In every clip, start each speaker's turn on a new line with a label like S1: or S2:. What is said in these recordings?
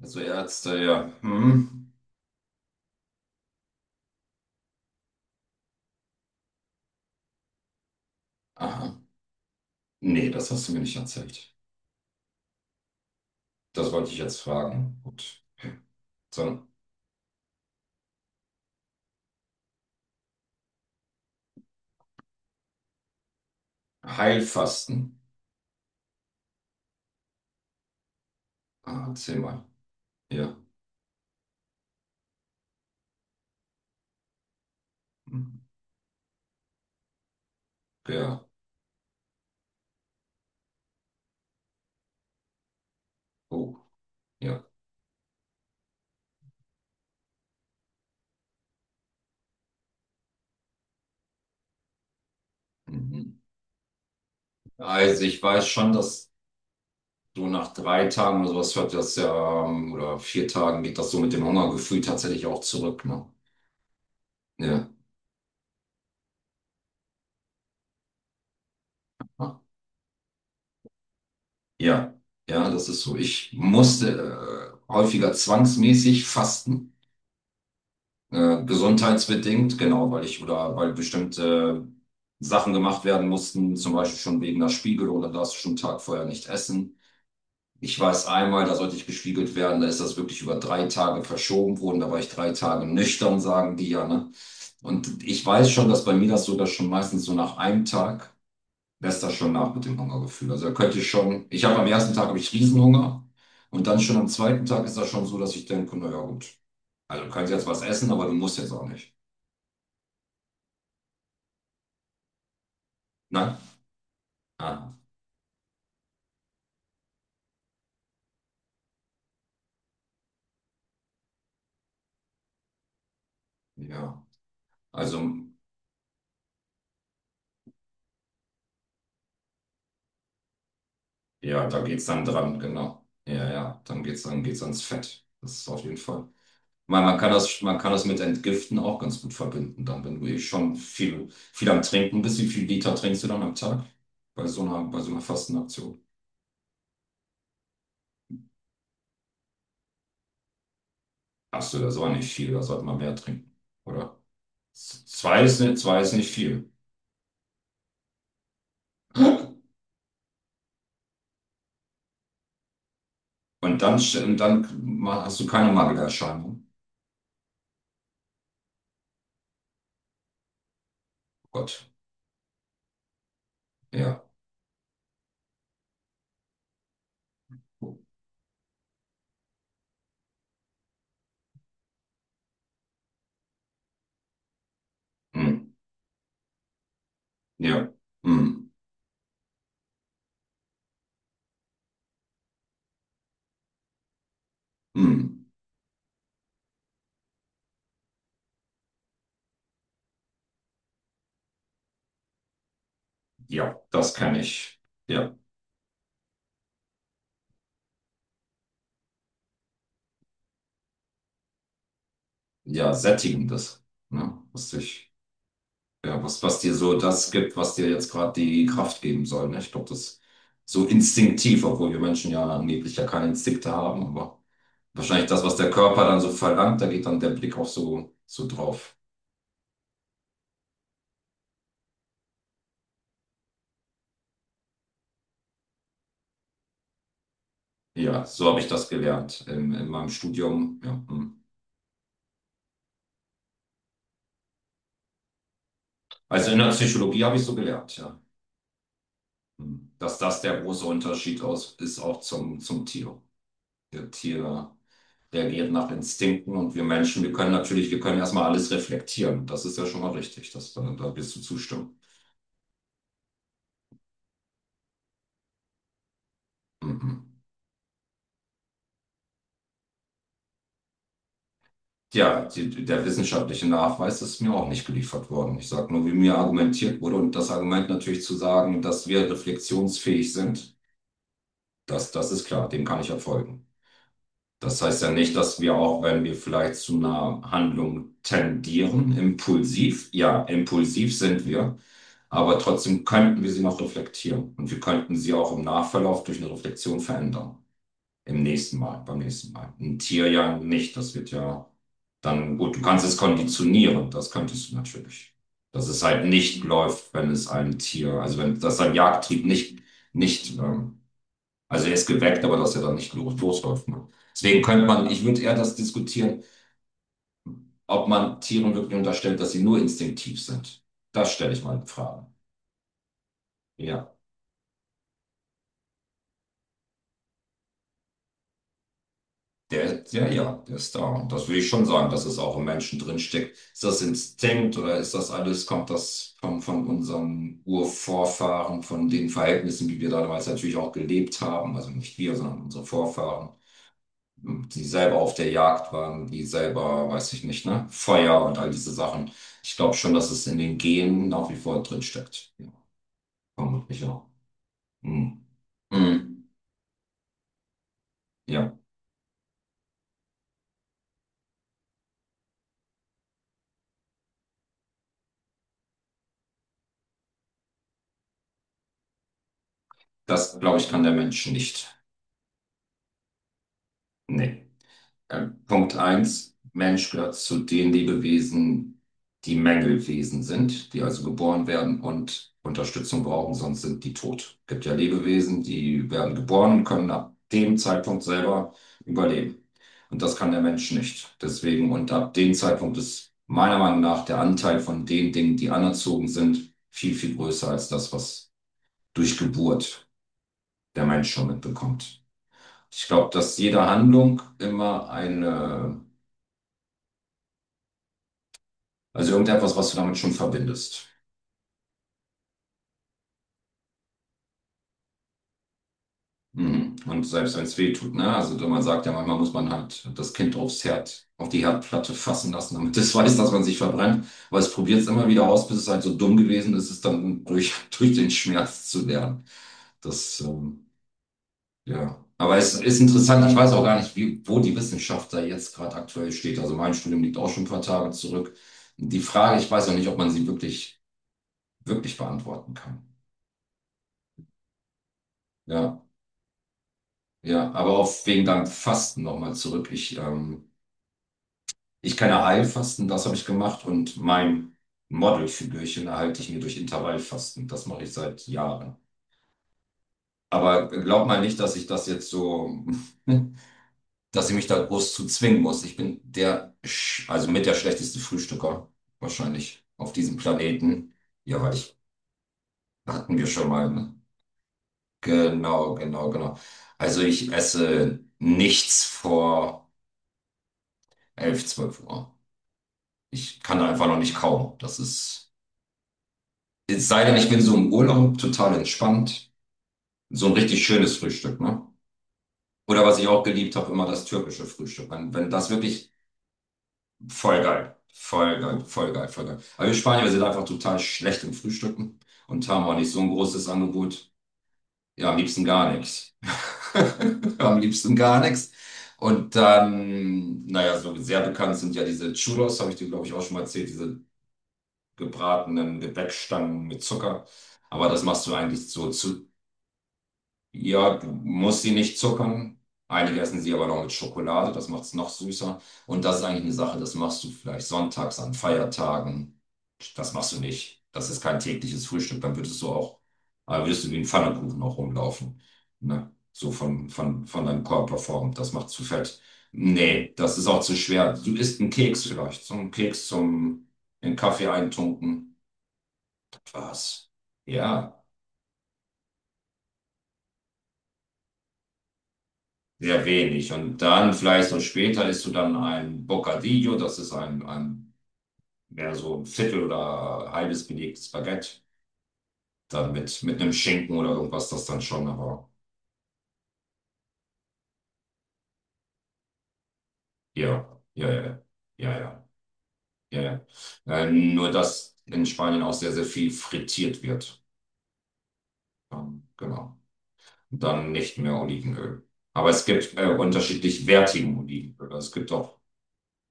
S1: Also Ärzte, ja. Hm. Aha. Nee, das hast du mir nicht erzählt. Das wollte ich jetzt fragen. Gut. Sondern Heilfasten. Ah, erzähl mal. Ja. Hm. Ja. Oh, ja. Mhm. Also ich weiß schon, dass du nach 3 Tagen oder sowas hört das ja, oder 4 Tagen geht das so mit dem Hungergefühl tatsächlich auch zurück, ne? Ja. Ah, ja. Ja, das ist so. Ich musste häufiger zwangsmäßig fasten. Gesundheitsbedingt, genau, weil ich oder weil bestimmte Sachen gemacht werden mussten, zum Beispiel schon wegen der Spiegelung, oder darfst du schon einen Tag vorher nicht essen. Ich weiß einmal, da sollte ich gespiegelt werden, da ist das wirklich über 3 Tage verschoben worden, da war ich 3 Tage nüchtern, sagen die ja, ne? Und ich weiß schon, dass bei mir das sogar schon meistens so nach einem Tag lässt das schon nach mit dem Hungergefühl. Also da könnte ich schon, ich habe am ersten Tag habe ich Riesenhunger und dann schon am zweiten Tag ist das schon so, dass ich denke, naja gut, also du kannst jetzt was essen, aber du musst jetzt auch nicht. Nein? Ah, ja. Also, ja, da geht's dann dran, genau. Ja, ja, dann geht's, ans Fett. Das ist auf jeden Fall. Man, kann das, man kann das mit Entgiften auch ganz gut verbinden, dann, wenn du eh schon viel, viel am Trinken bist. Wie viel Liter trinkst du dann am Tag bei so einer Fastenaktion? Hast du, das war nicht viel, da sollte man mehr trinken, oder? Zwei ist nicht viel. Und dann, hast du keine Mangelerscheinung. Gott, ja. Hm. Ja. Hm. Hm. Ja, das kann ich. Ja, ja, sättigendes. Ne? Was dich, ja, was, dir so das gibt, was dir jetzt gerade die Kraft geben soll. Ne? Ich glaube, das so instinktiv, obwohl wir Menschen ja angeblich ja keine Instinkte haben, aber wahrscheinlich das, was der Körper dann so verlangt, da geht dann der Blick auch so, so drauf. Ja, so habe ich das gelernt in, meinem Studium. Ja. Hm. Also in der Psychologie habe ich so gelernt, ja. Hm. Dass das der große Unterschied aus, ist auch zum, Tier. Der Tier reagiert nach Instinkten und wir Menschen, wir können natürlich, wir können erstmal alles reflektieren. Das ist ja schon mal richtig, das, da wirst du zustimmen. Mhm. Ja, der wissenschaftliche Nachweis ist mir auch nicht geliefert worden. Ich sage nur, wie mir argumentiert wurde und das Argument natürlich zu sagen, dass wir reflexionsfähig sind, das, ist klar, dem kann ich ja folgen. Das heißt ja nicht, dass wir auch, wenn wir vielleicht zu einer Handlung tendieren, impulsiv, ja, impulsiv sind wir, aber trotzdem könnten wir sie noch reflektieren und wir könnten sie auch im Nachverlauf durch eine Reflexion verändern. Im nächsten Mal, beim nächsten Mal. Ein Tier ja nicht, das wird ja dann, gut, du kannst es konditionieren, das könntest du natürlich. Dass es halt nicht läuft, wenn es einem Tier, also wenn das sein Jagdtrieb nicht, nicht, ähm, also er ist geweckt, aber dass er dann nicht losläuft. Ne? Deswegen könnte man, ich würde eher das diskutieren, ob man Tieren wirklich unterstellt, dass sie nur instinktiv sind. Das stelle ich mal in Frage. Ja, der, ja, ja, der ist da. Und das würde ich schon sagen, dass es auch im Menschen drinsteckt. Ist das Instinkt oder ist das alles, kommt das von, unseren Urvorfahren, von den Verhältnissen, wie wir damals natürlich auch gelebt haben? Also nicht wir, sondern unsere Vorfahren, die selber auf der Jagd waren, die selber, weiß ich nicht, ne, Feuer und all diese Sachen. Ich glaube schon, dass es in den Genen nach wie vor drin steckt. Ja, vermutlich auch. Hm. Hm. Ja, das glaube ich kann der Mensch nicht. Nee. Punkt eins, Mensch gehört zu den Lebewesen, die Mängelwesen sind, die also geboren werden und Unterstützung brauchen, sonst sind die tot. Es gibt ja Lebewesen, die werden geboren und können ab dem Zeitpunkt selber überleben. Und das kann der Mensch nicht. Deswegen, und ab dem Zeitpunkt ist meiner Meinung nach der Anteil von den Dingen, die anerzogen sind, viel, viel größer als das, was durch Geburt der Mensch schon mitbekommt. Ich glaube, dass jede Handlung immer eine. Also irgendetwas, was du damit schon verbindest. Mhm. Und selbst wenn es weh tut, ne? Also man sagt ja, manchmal muss man halt das Kind aufs Herd, auf die Herdplatte fassen lassen, damit es weiß, dass man sich verbrennt. Aber es probiert es immer wieder aus, bis es halt so dumm gewesen ist, es dann durch, durch den Schmerz zu lernen. Das, ja. Aber es ist interessant, ich weiß auch gar nicht, wie, wo die Wissenschaft da jetzt gerade aktuell steht. Also mein Studium liegt auch schon ein paar Tage zurück. Die Frage, ich weiß auch nicht, ob man sie wirklich, beantworten kann. Ja. Ja, aber auf wegen deinem Fasten nochmal zurück. Ich kann ja Heilfasten, das habe ich gemacht und mein Modelfigürchen erhalte ich mir durch Intervallfasten. Das mache ich seit Jahren. Aber glaub mal nicht, dass ich das jetzt so, dass ich mich da groß zu zwingen muss. Ich bin der, also mit der schlechteste Frühstücker wahrscheinlich auf diesem Planeten. Ja, weil ich, hatten wir schon mal, ne? Genau, genau, genau. Also ich esse nichts vor 11, 12 Uhr. Ich kann einfach noch nicht kaum. Das ist, es sei denn, ich bin so im Urlaub total entspannt. So ein richtig schönes Frühstück, ne? Oder was ich auch geliebt habe, immer das türkische Frühstück. Wenn, das wirklich voll geil. Voll geil, voll geil, voll geil. Aber wir Spanier, wir sind einfach total schlecht im Frühstücken und haben auch nicht so ein großes Angebot. Ja, am liebsten gar nichts. Am liebsten gar nichts. Und dann, naja, so sehr bekannt sind ja diese Churros, habe ich dir, glaube ich, auch schon mal erzählt, diese gebratenen Gebäckstangen mit Zucker. Aber das machst du eigentlich so zu. Ja, du musst sie nicht zuckern. Einige essen sie aber noch mit Schokolade, das macht es noch süßer. Und das ist eigentlich eine Sache, das machst du vielleicht sonntags an Feiertagen. Das machst du nicht. Das ist kein tägliches Frühstück. Dann würdest du auch, würdest du wie ein Pfannkuchen auch rumlaufen. Ne? So von, von deinem Körperform. Das macht zu fett. Nee, das ist auch zu schwer. Du isst einen Keks vielleicht. So einen Keks zum in Kaffee eintunken. Was? Ja, sehr wenig. Und dann vielleicht so später isst du dann ein Bocadillo, das ist ein, mehr so ein Viertel oder halbes belegtes Baguette. Dann mit, einem Schinken oder irgendwas, das dann schon, aber ja, ja, ja, ja, ja, ja, ja. Nur, dass in Spanien auch sehr, sehr viel frittiert wird. Genau. Dann nicht mehr Olivenöl. Aber es gibt unterschiedlich wertigen Olivenöl. Also es gibt auch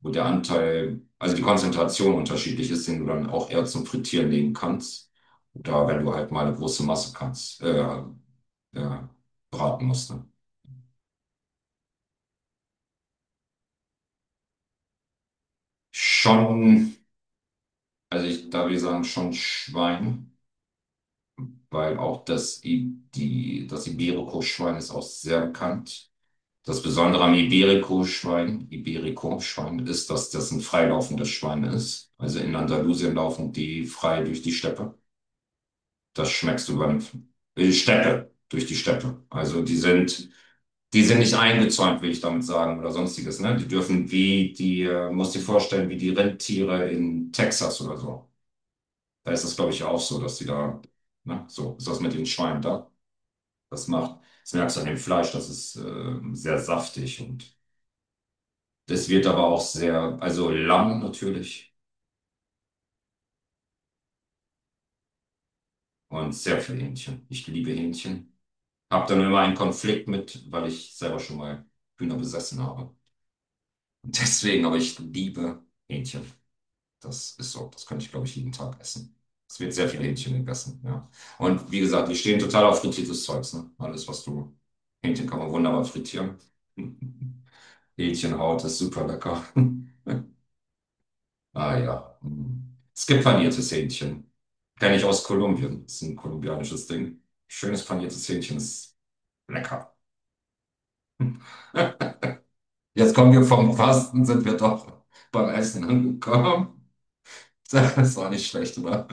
S1: wo der Anteil, also die Konzentration unterschiedlich ist, den du dann auch eher zum Frittieren legen kannst. Oder wenn du halt mal eine große Masse kannst, äh, braten musst. Ne? Schon, also ich, da wir sagen schon Schwein, weil auch das, das Iberico-Schwein ist auch sehr bekannt. Das Besondere am Iberico-Schwein ist, dass das ein freilaufendes Schwein ist. Also in Andalusien laufen die frei durch die Steppe. Das schmeckst du beim durch die Steppe. Also die sind nicht eingezäunt, will ich damit sagen, oder sonstiges, ne? Die dürfen wie die, musst dir vorstellen, wie die Rentiere in Texas oder so. Da ist das, glaube ich, auch so, dass die da, ne? So ist das mit den Schweinen da. Das macht, das merkst du an dem Fleisch, das ist sehr saftig und das wird aber auch sehr, also Lamm natürlich und sehr viel Hähnchen. Ich liebe Hähnchen. Hab dann immer einen Konflikt mit, weil ich selber schon mal Hühner besessen habe. Deswegen, aber ich liebe Hähnchen. Das ist so. Das könnte ich, glaube ich, jeden Tag essen. Es wird sehr viel Hähnchen gegessen, ja. Und wie gesagt, die stehen total auf frittiertes Zeugs, ne? Alles, was du. Hähnchen kann man wunderbar frittieren. Hähnchenhaut ist super lecker. Ah ja. Mm. Es gibt paniertes Hähnchen. Kenne ich aus Kolumbien. Ist ein kolumbianisches Ding. Schönes paniertes Hähnchen ist lecker. Jetzt kommen wir vom Fasten, sind wir doch beim Essen angekommen. Das war nicht schlecht, oder?